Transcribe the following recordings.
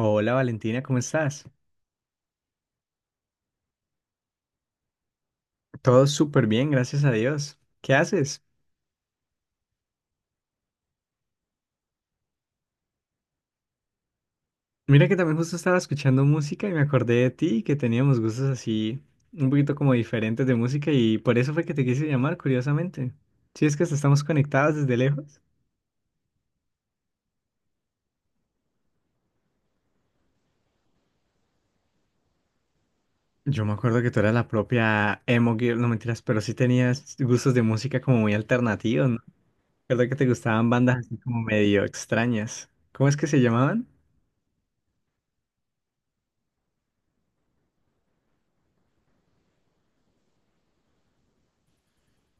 Hola Valentina, ¿cómo estás? Todo súper bien, gracias a Dios. ¿Qué haces? Mira que también justo estaba escuchando música y me acordé de ti y que teníamos gustos así un poquito como diferentes de música y por eso fue que te quise llamar, curiosamente. Si es que hasta estamos conectados desde lejos. Yo me acuerdo que tú eras la propia emo girl, no mentiras, pero sí tenías gustos de música como muy alternativos, ¿no? Recuerdo que te gustaban bandas así como medio extrañas. ¿Cómo es que se llamaban?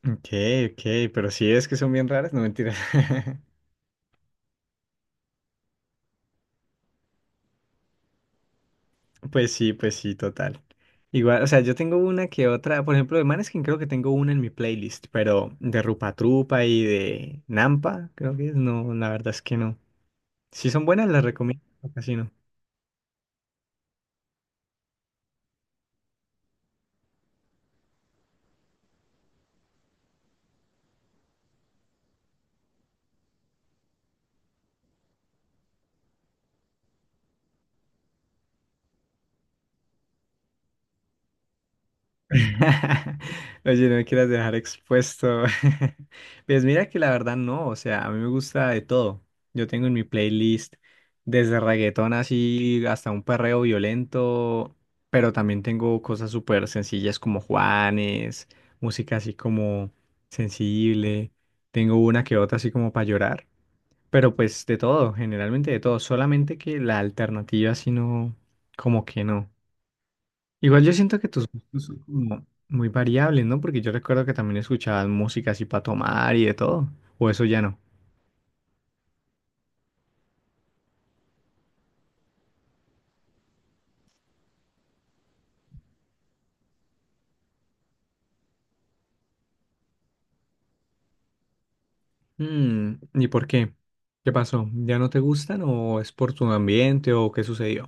Ok, ok, pero sí es que son bien raras, no mentiras. Pues sí, total. Igual, o sea, yo tengo una que otra, por ejemplo, de Maneskin creo que tengo una en mi playlist, pero de Rupa Trupa y de Nampa, creo que es, no, la verdad es que no. Si son buenas, las recomiendo, o casi no. Oye, no me quieras dejar expuesto. Pues mira que la verdad no, o sea, a mí me gusta de todo. Yo tengo en mi playlist desde reggaetón así hasta un perreo violento, pero también tengo cosas súper sencillas como Juanes, música así como sensible. Tengo una que otra así como para llorar, pero pues de todo, generalmente de todo. Solamente que la alternativa así no, como que no. Igual yo siento que tus gustos son como muy variables, ¿no? Porque yo recuerdo que también escuchabas música así para tomar y de todo. O eso ya no. Mm, ¿y por qué? ¿Qué pasó? ¿Ya no te gustan o es por tu ambiente o qué sucedió?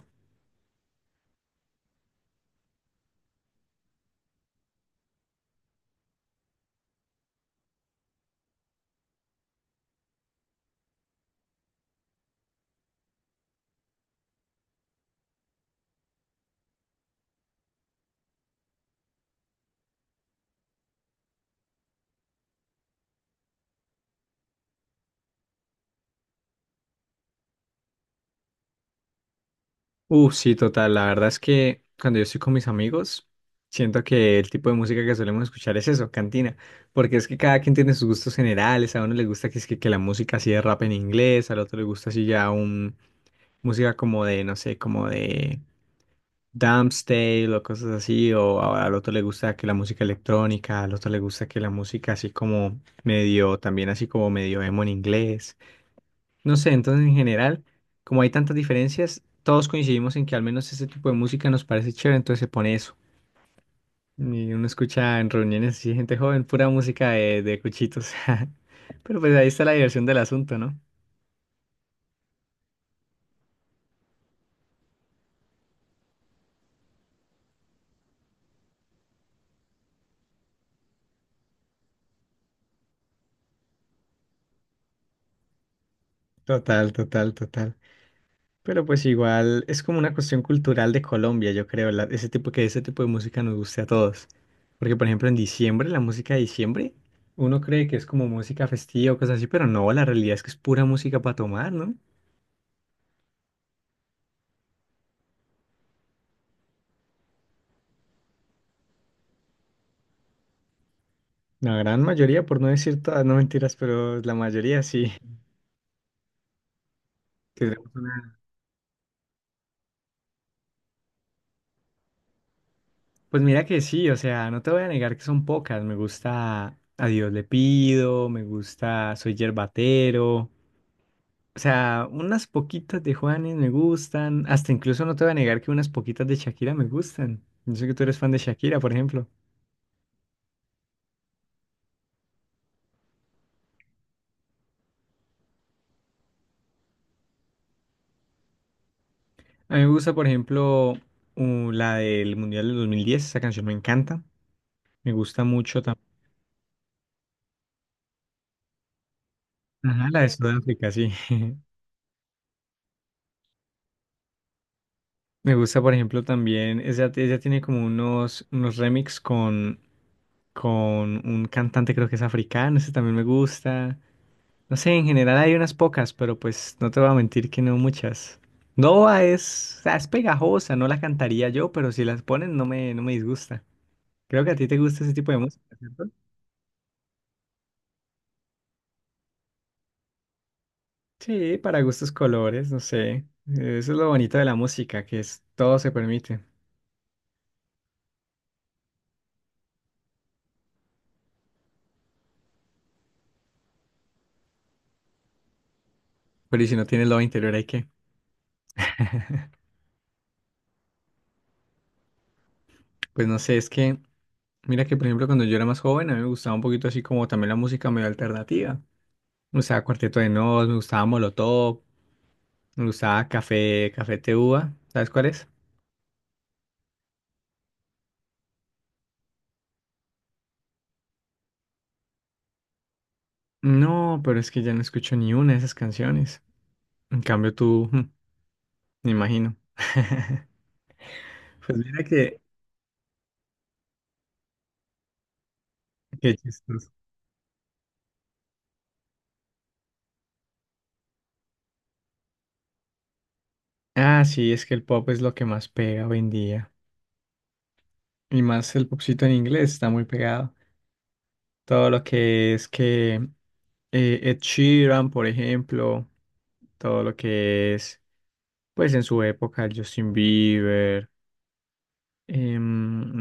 Sí, total. La verdad es que cuando yo estoy con mis amigos, siento que el tipo de música que solemos escuchar es eso, cantina. Porque es que cada quien tiene sus gustos generales. A uno le gusta que, es que la música así de rap en inglés, al otro le gusta así ya un música como de, no sé, como de Dance o cosas así, al otro le gusta que la música electrónica, al otro le gusta que la música así como medio, también así como medio emo en inglés. No sé, entonces en general, como hay tantas diferencias, todos coincidimos en que al menos este tipo de música nos parece chévere, entonces se pone eso. Y uno escucha en reuniones así, gente joven, pura música de cuchitos. Pero pues ahí está la diversión del asunto, ¿no? Total, total, total. Pero pues igual es como una cuestión cultural de Colombia, yo creo, ese tipo que ese tipo de música nos guste a todos. Porque por ejemplo en diciembre, la música de diciembre, uno cree que es como música festiva o cosas así, pero no, la realidad es que es pura música para tomar, ¿no? La gran mayoría, por no decir todas, no mentiras, pero la mayoría sí. Tendremos una- Pues mira que sí, o sea, no te voy a negar que son pocas. Me gusta A Dios le pido, me gusta Soy Yerbatero. O sea, unas poquitas de Juanes me gustan. Hasta incluso no te voy a negar que unas poquitas de Shakira me gustan. Yo sé que tú eres fan de Shakira, por ejemplo. A mí me gusta, por ejemplo, la del Mundial del 2010. Esa canción me encanta. Me gusta mucho también. Ajá, la de Sudáfrica, sí. Me gusta, por ejemplo, también. Ella tiene como unos remix con un cantante, creo que es africano. Ese también me gusta. No sé, en general hay unas pocas, pero pues no te voy a mentir que no muchas. Nova es, o sea, es pegajosa, no la cantaría yo, pero si las ponen no me disgusta. Creo que a ti te gusta ese tipo de música, ¿cierto? Sí, para gustos colores, no sé. Eso es lo bonito de la música, que es todo se permite. Pero y si no tienes lo interior, hay que. Pues no sé, es que, mira que por ejemplo cuando yo era más joven, a mí me gustaba un poquito así como también la música medio alternativa. Me gustaba Cuarteto de Nos, me gustaba Molotov, me gustaba Café Tacuba. ¿Sabes cuál es? No, pero es que ya no escucho ni una de esas canciones. En cambio tú, me imagino. Pues mira que, qué chistoso. Ah, sí, es que el pop es lo que más pega hoy en día. Y más el popcito en inglés está muy pegado. Todo lo que es que Ed Sheeran, por ejemplo, todo lo que es, pues en su época, Justin Bieber,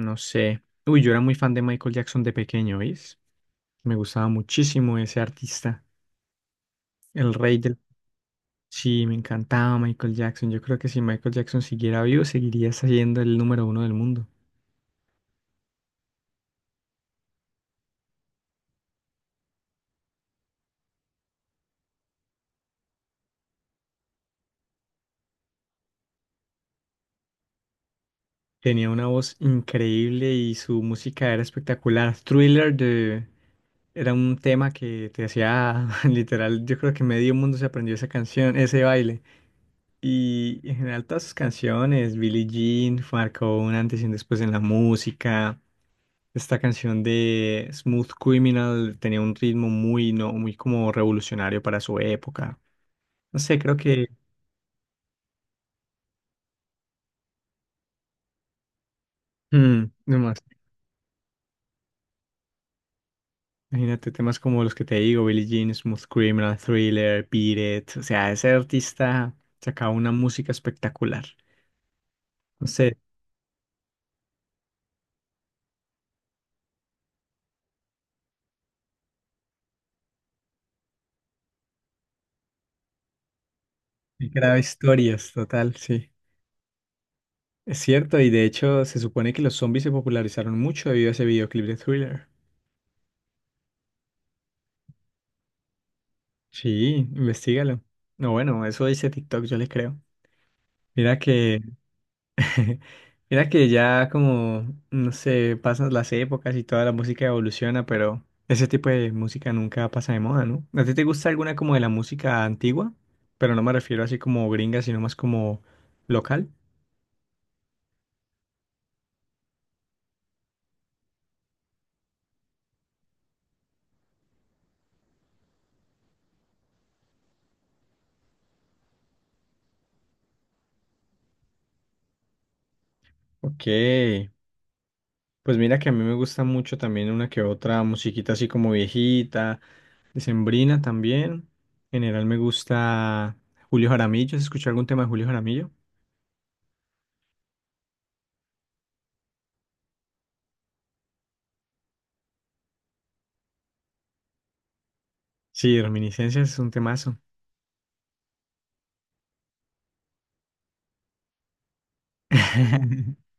no sé. Uy, yo era muy fan de Michael Jackson de pequeño, ¿veis? Me gustaba muchísimo ese artista. El rey del... Sí, me encantaba Michael Jackson. Yo creo que si Michael Jackson siguiera vivo, seguiría siendo el número uno del mundo. Tenía una voz increíble y su música era espectacular. Thriller de... era un tema que te hacía literal, yo creo que medio mundo se aprendió esa canción, ese baile. Y en general todas sus canciones, Billie Jean, marcó un antes y un después en la música. Esta canción de Smooth Criminal tenía un ritmo muy, no, muy como revolucionario para su época. No sé, creo que... mm, no más. Imagínate temas como los que te digo, Billie Jean, Smooth Criminal, Thriller, Beat It. O sea, ese artista sacaba una música espectacular. No sé, él creaba historias, total, sí. Es cierto, y de hecho se supone que los zombies se popularizaron mucho debido a ese videoclip de Thriller. Sí, investigalo. No, bueno, eso dice TikTok, yo le creo. Mira que Mira que ya como, no sé, pasan las épocas y toda la música evoluciona, pero ese tipo de música nunca pasa de moda, ¿no? ¿A ti te gusta alguna como de la música antigua? Pero no me refiero así como gringa, sino más como local. Ok, pues mira que a mí me gusta mucho también una que otra musiquita así como viejita, decembrina también. En general me gusta Julio Jaramillo, ¿has escuchado algún tema de Julio Jaramillo? Sí, Reminiscencias es un temazo.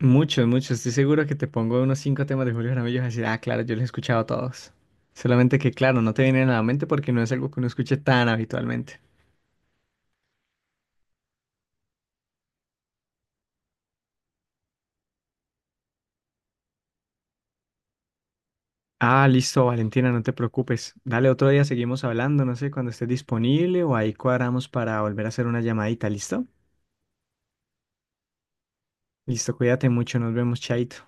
Muchos, muchos. Estoy seguro que te pongo unos 5 temas de Julio Jaramillo y vas a decir, ah, claro, yo los he escuchado todos. Solamente que, claro, no te vienen a la mente porque no es algo que uno escuche tan habitualmente. Ah, listo, Valentina, no te preocupes. Dale, otro día seguimos hablando, no sé, cuando estés disponible o ahí cuadramos para volver a hacer una llamadita, ¿listo? Listo, cuídate mucho, nos vemos, chaito.